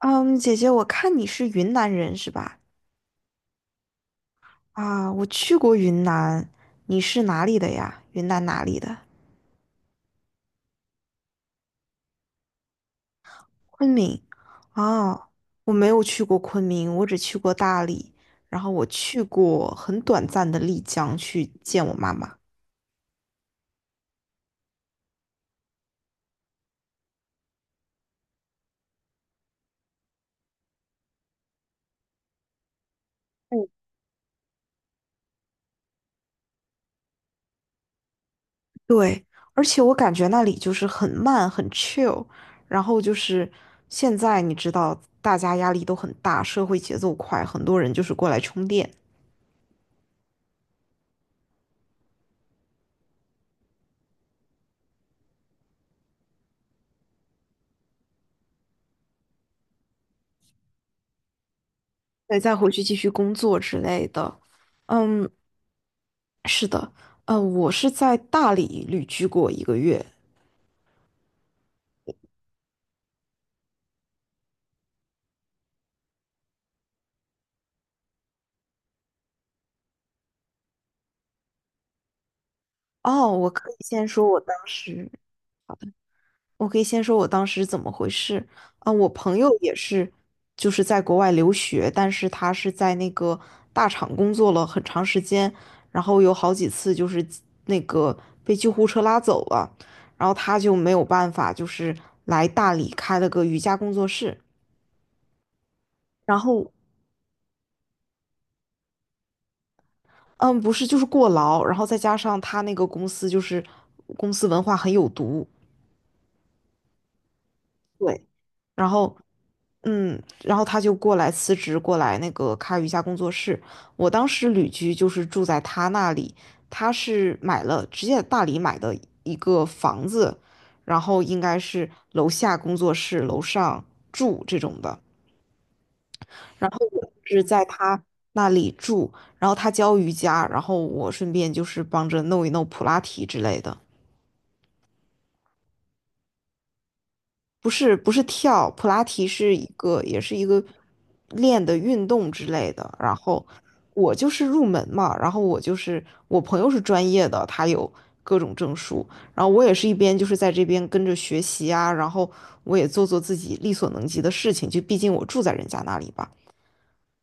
嗯，姐姐，我看你是云南人是吧？啊，我去过云南，你是哪里的呀？云南哪里的？昆明。哦，我没有去过昆明，我只去过大理，然后我去过很短暂的丽江去见我妈妈。嗯，对，而且我感觉那里就是很慢，很 chill，然后就是现在你知道，大家压力都很大，社会节奏快，很多人就是过来充电，对，再回去继续工作之类的。嗯，是的，我是在大理旅居过一个月。哦，我可以先说我当时，好的，我可以先说我当时怎么回事。啊、我朋友也是，就是在国外留学，但是他是在那个大厂工作了很长时间，然后有好几次就是那个被救护车拉走了，然后他就没有办法，就是来大理开了个瑜伽工作室。然后嗯，不是，就是过劳，然后再加上他那个公司就是公司文化很有毒，对，然后嗯，然后他就过来辞职，过来那个开瑜伽工作室。我当时旅居就是住在他那里，他是买了直接在大理买的一个房子，然后应该是楼下工作室，楼上住这种的。然后我是在他那里住，然后他教瑜伽，然后我顺便就是帮着弄一弄普拉提之类的。不是跳，普拉提是一个练的运动之类的。然后我就是入门嘛，然后我就是我朋友是专业的，他有各种证书，然后我也是一边就是在这边跟着学习啊，然后我也做做自己力所能及的事情，就毕竟我住在人家那里吧。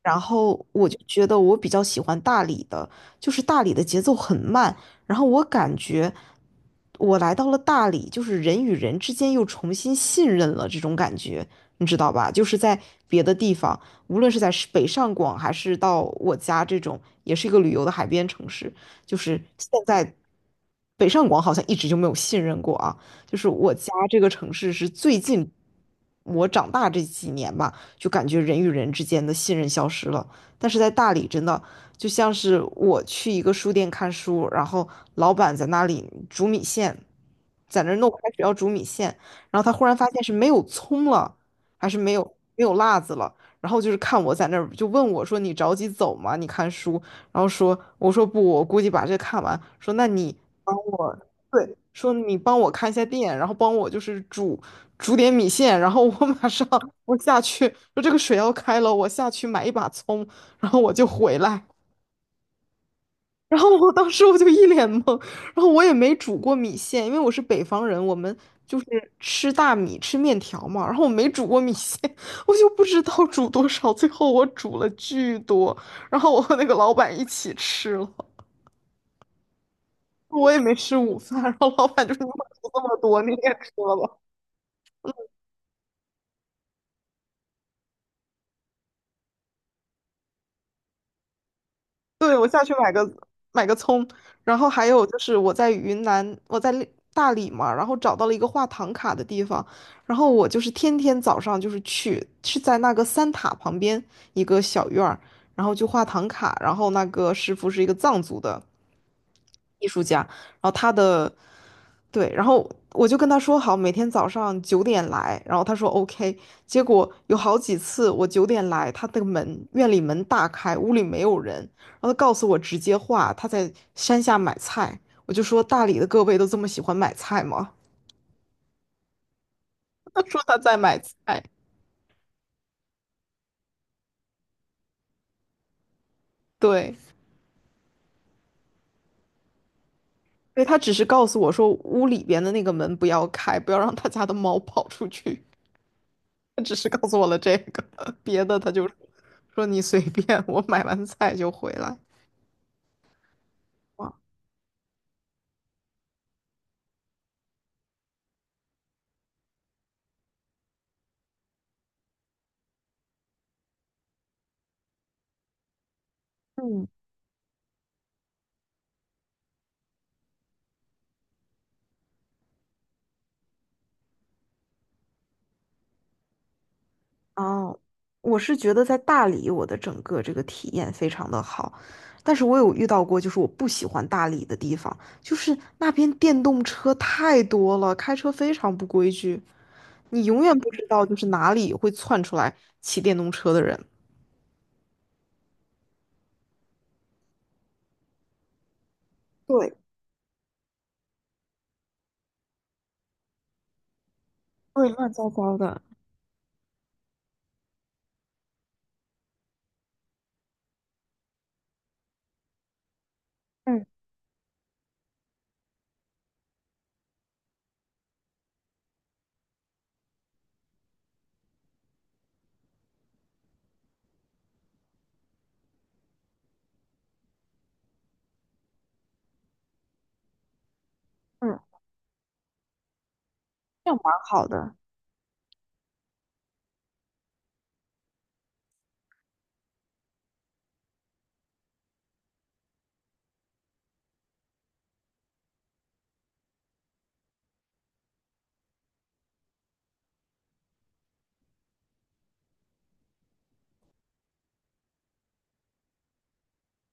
然后我就觉得我比较喜欢大理的，就是大理的节奏很慢，然后我感觉我来到了大理，就是人与人之间又重新信任了这种感觉，你知道吧？就是在别的地方，无论是在北上广还是到我家这种，也是一个旅游的海边城市，就是现在北上广好像一直就没有信任过啊，就是我家这个城市是最近我长大这几年吧。就感觉人与人之间的信任消失了。但是在大理，真的就像是我去一个书店看书，然后老板在那里煮米线，在那儿弄开始要煮米线，然后他忽然发现是没有葱了，还是没有没有辣子了。然后就是看我在那儿，就问我说："你着急走吗？你看书。"然后说："我说不，我估计把这看完。"说："那你帮我，对，说你帮我看一下店，然后帮我就是煮点米线，然后我马上我下去，说这个水要开了，我下去买一把葱，然后我就回来。"然后我当时我就一脸懵，然后我也没煮过米线，因为我是北方人，我们就是吃大米吃面条嘛，然后我没煮过米线，我就不知道煮多少，最后我煮了巨多，然后我和那个老板一起吃了，我也没吃午饭，然后老板就说你怎么煮这么多，你也吃了吧。买个葱。然后还有就是我在云南，我在大理嘛，然后找到了一个画唐卡的地方，然后我就是天天早上就是去，是在那个三塔旁边一个小院儿，然后就画唐卡，然后那个师傅是一个藏族的艺术家，然后他的，对，然后我就跟他说好，每天早上九点来，然后他说 OK,结果有好几次我九点来，他的门，院里门大开，屋里没有人，然后他告诉我直接画，他在山下买菜。我就说大理的各位都这么喜欢买菜吗？他说他在买菜，对，所以他只是告诉我说屋里边的那个门不要开，不要让他家的猫跑出去。他只是告诉我了这个，别的他就说你随便，我买完菜就回来。哇，嗯，哦，我是觉得在大理，我的整个这个体验非常的好，但是我有遇到过，就是我不喜欢大理的地方，就是那边电动车太多了，开车非常不规矩，你永远不知道就是哪里会窜出来骑电动车的人。对，会乱糟糟的。嗯嗯，这样蛮好的，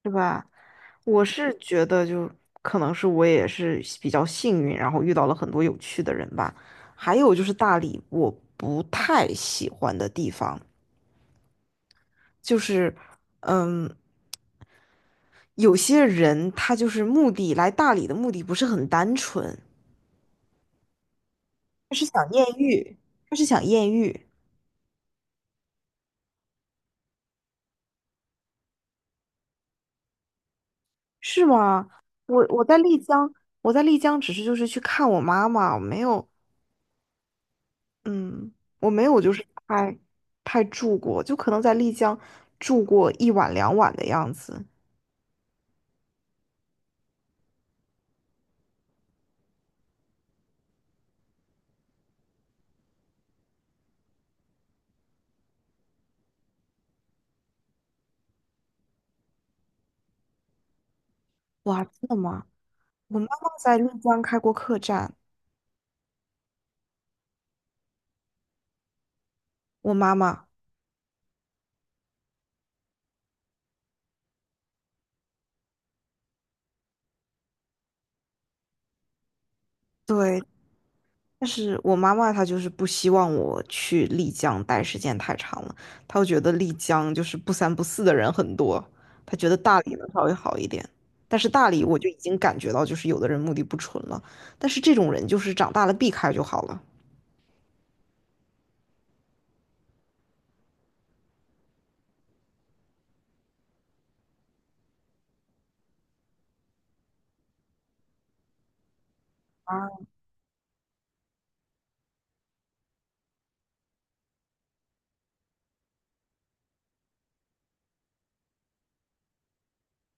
是吧？我是觉得就可能是我也是比较幸运，然后遇到了很多有趣的人吧。还有就是大理，我不太喜欢的地方就是，嗯，有些人他就是目的来大理的目的不是很单纯，他是想艳遇，他是想艳遇，是吗？我在丽江，我在丽江只是就是去看我妈妈，没有嗯，我没有，就是太住过，就可能在丽江住过一晚两晚的样子。哇，真的吗？我妈妈在丽江开过客栈，我妈妈，对，但是我妈妈她就是不希望我去丽江待时间太长了，她会觉得丽江就是不三不四的人很多，她觉得大理能稍微好一点。但是大理我就已经感觉到，就是有的人目的不纯了，但是这种人就是长大了避开就好了。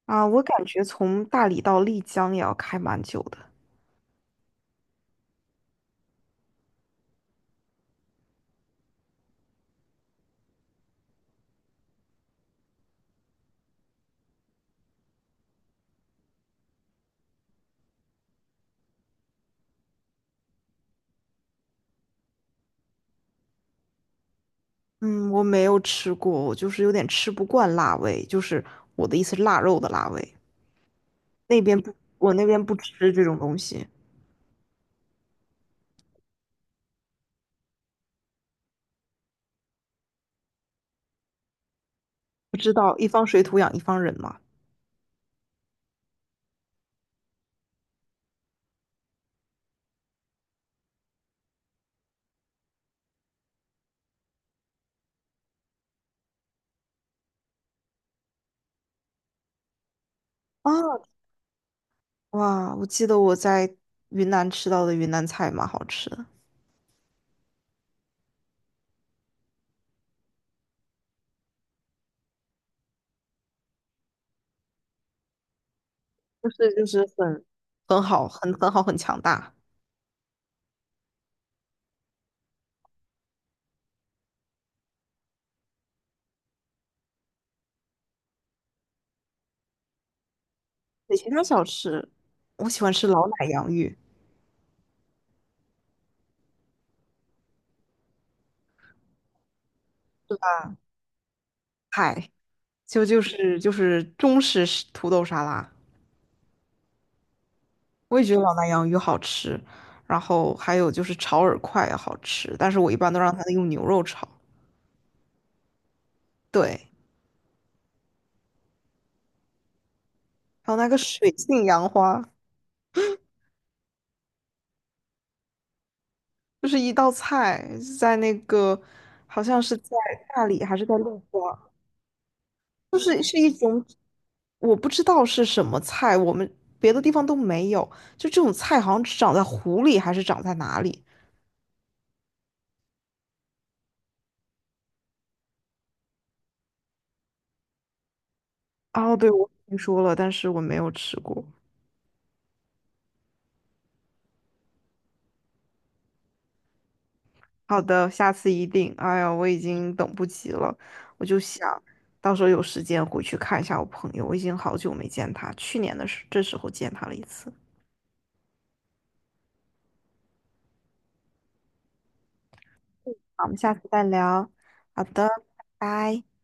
啊，我感觉从大理到丽江也要开蛮久的。嗯，我没有吃过，我就是有点吃不惯辣味，就是我的意思是腊肉的辣味。那边不，我那边不吃这种东西。不知道一方水土养一方人嘛。啊，哇，我记得我在云南吃到的云南菜蛮好吃的，就是很很好，很强大。对，其他小吃，我喜欢吃老奶洋芋，对吧？嗨，就是中式是土豆沙拉。我也觉得老南洋鱼好吃，然后还有就是炒饵块也好吃，但是我一般都让他用牛肉炒。对，还有那个水性杨花，就是一道菜，在那个好像是在大理还是在陆家，就是是一种我不知道是什么菜，我们别的地方都没有，就这种菜好像只长在湖里还是长在哪里。哦，对，我听说了，但是我没有吃过。好的，下次一定。哎呀，我已经等不及了，我就想到时候有时间回去看一下我朋友，我已经好久没见他，去年的这时候见他了一次。好，我们下次再聊。好的，拜拜。